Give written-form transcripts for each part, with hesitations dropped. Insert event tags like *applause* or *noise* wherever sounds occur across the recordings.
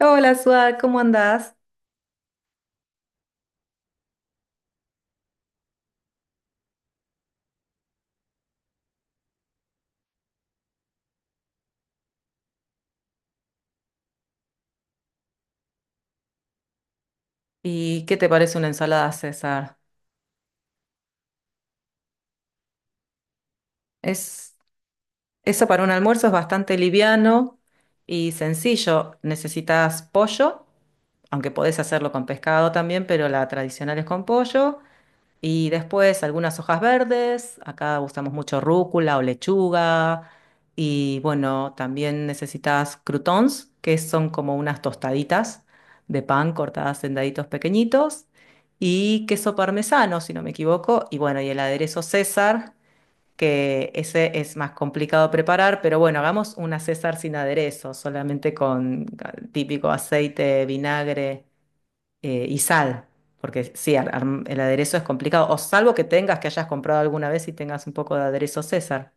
Hola, Suad, ¿cómo andás? ¿Y qué te parece una ensalada César? Es, eso para un almuerzo es bastante liviano y sencillo. Necesitas pollo, aunque podés hacerlo con pescado también, pero la tradicional es con pollo. Y después algunas hojas verdes, acá usamos mucho rúcula o lechuga. Y bueno, también necesitas croutons, que son como unas tostaditas de pan cortadas en daditos pequeñitos. Y queso parmesano, si no me equivoco. Y bueno, y el aderezo César, que ese es más complicado preparar, pero bueno, hagamos una César sin aderezo, solamente con típico aceite, vinagre y sal, porque sí, el aderezo es complicado, o salvo que tengas, que hayas comprado alguna vez y tengas un poco de aderezo César.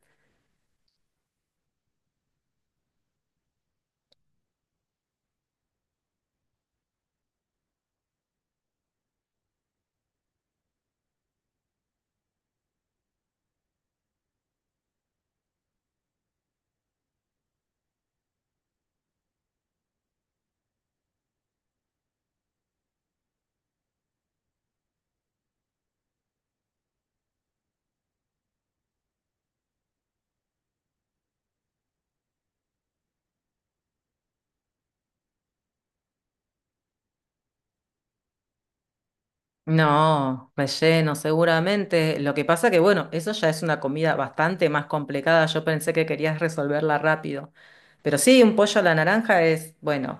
No, relleno seguramente. Lo que pasa que, bueno, eso ya es una comida bastante más complicada. Yo pensé que querías resolverla rápido. Pero sí, un pollo a la naranja es, bueno.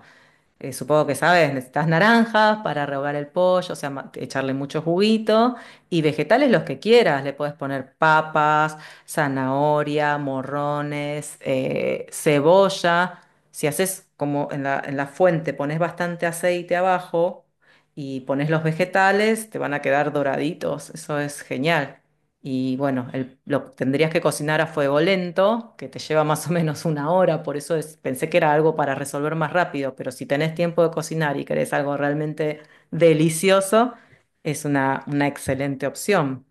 Supongo que sabes, necesitas naranjas para rehogar el pollo, o sea, echarle mucho juguito y vegetales los que quieras. Le puedes poner papas, zanahoria, morrones, cebolla. Si haces como en la fuente, pones bastante aceite abajo y pones los vegetales, te van a quedar doraditos. Eso es genial. Y bueno, lo tendrías que cocinar a fuego lento, que te lleva más o menos una hora, por eso pensé que era algo para resolver más rápido, pero si tenés tiempo de cocinar y querés algo realmente delicioso, es una excelente opción.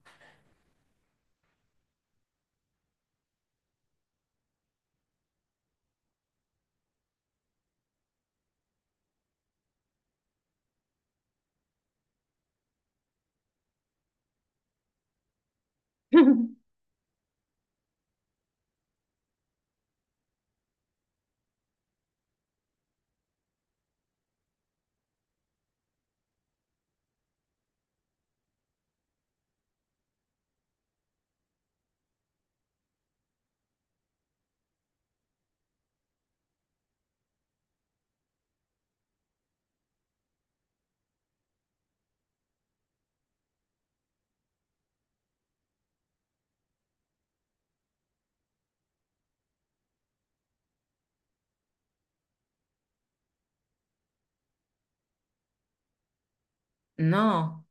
No,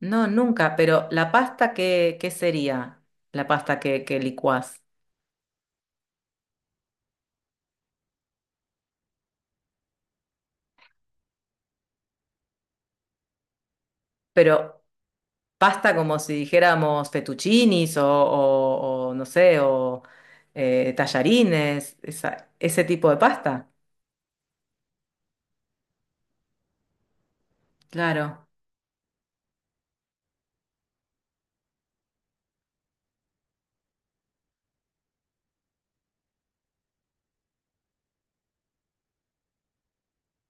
no, nunca, pero la pasta, ¿qué, qué sería? La pasta que licuás. Pero pasta como si dijéramos fettuccinis o no sé, o tallarines, ese tipo de pasta. Claro,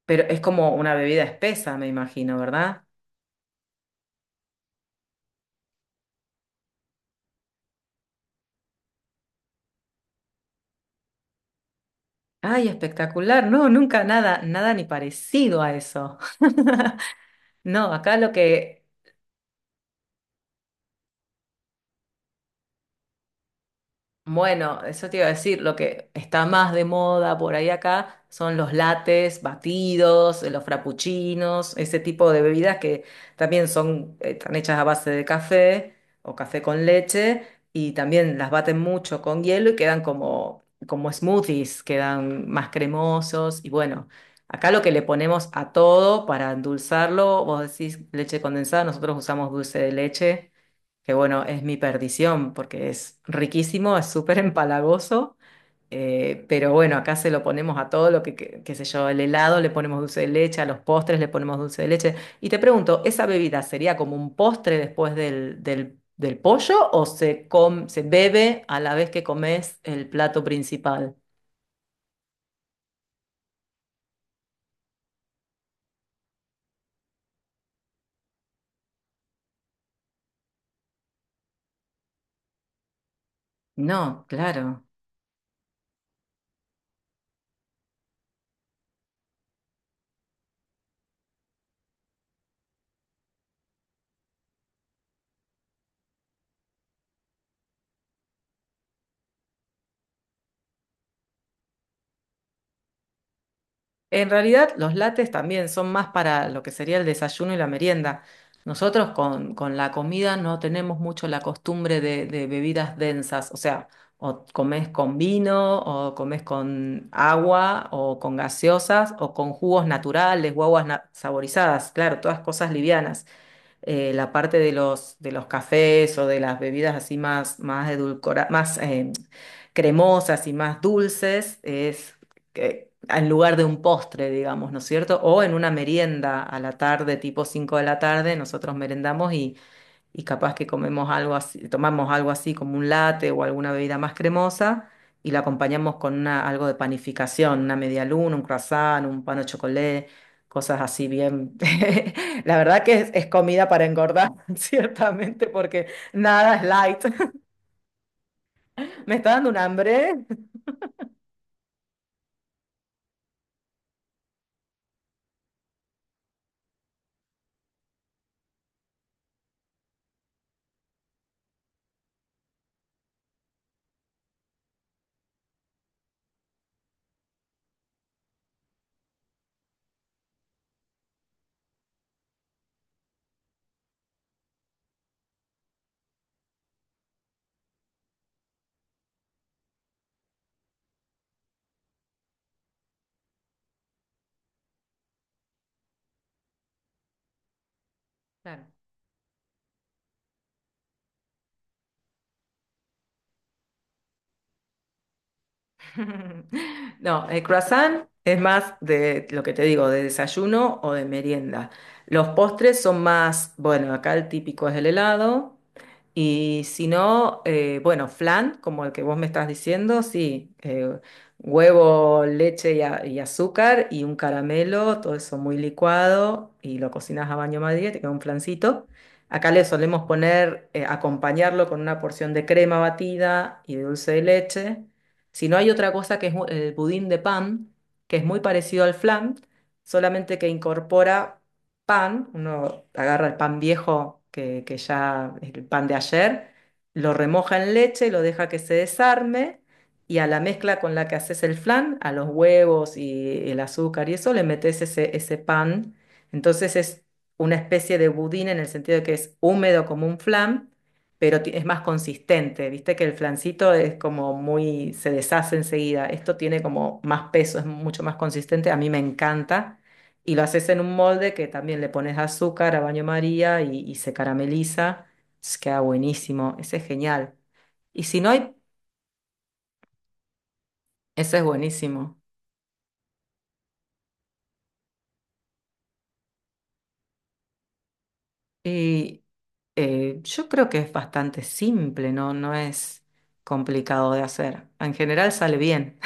pero es como una bebida espesa, me imagino, ¿verdad? Ay, espectacular. No, nunca nada, nada ni parecido a eso. *laughs* No, acá lo que bueno, eso te iba a decir, lo que está más de moda por ahí acá son los lates, batidos, los frappuccinos, ese tipo de bebidas que también son, están hechas a base de café o café con leche y también las baten mucho con hielo y quedan como, como smoothies, quedan más cremosos y bueno, acá lo que le ponemos a todo para endulzarlo, vos decís leche condensada, nosotros usamos dulce de leche que bueno, es mi perdición porque es riquísimo, es súper empalagoso, pero bueno, acá se lo ponemos a todo lo que, qué sé yo, el helado le ponemos dulce de leche, a los postres le ponemos dulce de leche. Y te pregunto, ¿esa bebida sería como un postre después del, del, del pollo o se, se bebe a la vez que comes el plato principal? No, claro. En realidad, los lates también son más para lo que sería el desayuno y la merienda. Nosotros con la comida no tenemos mucho la costumbre de bebidas densas, o sea, o comes con vino, o comes con agua, o con gaseosas, o con jugos naturales o aguas saborizadas, claro, todas cosas livianas la parte de los cafés o de las bebidas así más, más más cremosas y más dulces, es en lugar de un postre, digamos, ¿no es cierto? O en una merienda a la tarde, tipo 5 de la tarde, nosotros merendamos y capaz que comemos algo así, tomamos algo así como un latte o alguna bebida más cremosa y la acompañamos con una, algo de panificación, una media luna, un croissant, un pan au chocolate, cosas así bien. *laughs* La verdad que es comida para engordar, *laughs* ciertamente, porque nada es light. *laughs* Me está dando un hambre. Claro. *laughs* No, el croissant es más de lo que te digo, de desayuno o de merienda. Los postres son más, bueno, acá el típico es el helado. Y si no, bueno, flan, como el que vos me estás diciendo, sí, huevo, leche y, y azúcar y un caramelo, todo eso muy licuado y lo cocinas a baño María, te queda un flancito. Acá le solemos poner, acompañarlo con una porción de crema batida y de dulce de leche. Si no hay otra cosa que es el budín de pan, que es muy parecido al flan, solamente que incorpora pan, uno agarra el pan viejo que ya es el pan de ayer, lo remoja en leche, lo deja que se desarme y a la mezcla con la que haces el flan, a los huevos y el azúcar y eso, le metes ese, ese pan. Entonces es una especie de budín en el sentido de que es húmedo como un flan pero es más consistente. Viste que el flancito es como muy, se deshace enseguida. Esto tiene como más peso, es mucho más consistente. A mí me encanta. Y lo haces en un molde que también le pones azúcar a baño María y se carameliza. Entonces queda buenísimo. Ese es genial. Y si no hay, ese es buenísimo. Y yo creo que es bastante simple, ¿no? No es complicado de hacer. En general sale bien.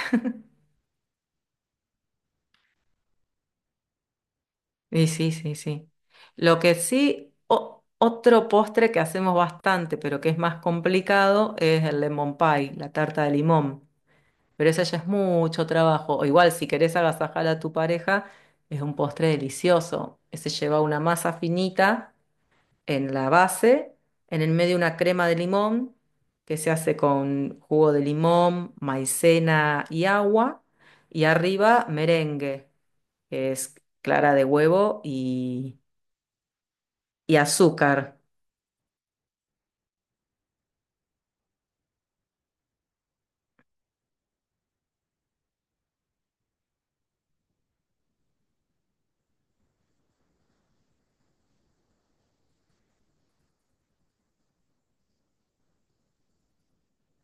Y sí, sí, sí. Lo que sí, otro postre que hacemos bastante, pero que es más complicado, es el lemon pie, la tarta de limón. Pero esa ya es mucho trabajo. O igual, si querés agasajar a tu pareja, es un postre delicioso. Ese lleva una masa finita en la base, en el medio una crema de limón, que se hace con jugo de limón, maicena y agua. Y arriba merengue, que es clara de huevo y azúcar.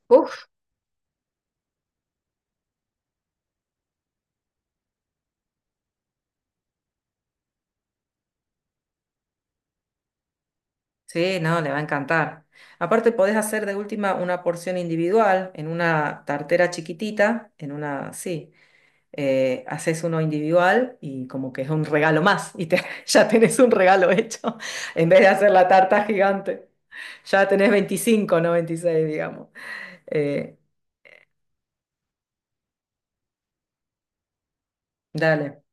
Uf, sí, no, le va a encantar. Aparte, podés hacer de última una porción individual en una tartera chiquitita, en una, sí, haces uno individual y como que es un regalo más y *laughs* ya tenés un regalo hecho *laughs* en vez de hacer la tarta gigante. Ya tenés 25 no 26 digamos. Eh, Dale.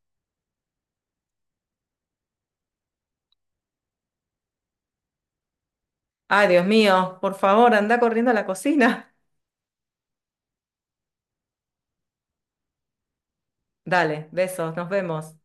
Ay, Dios mío, por favor, anda corriendo a la cocina. *laughs* Dale, besos, nos vemos.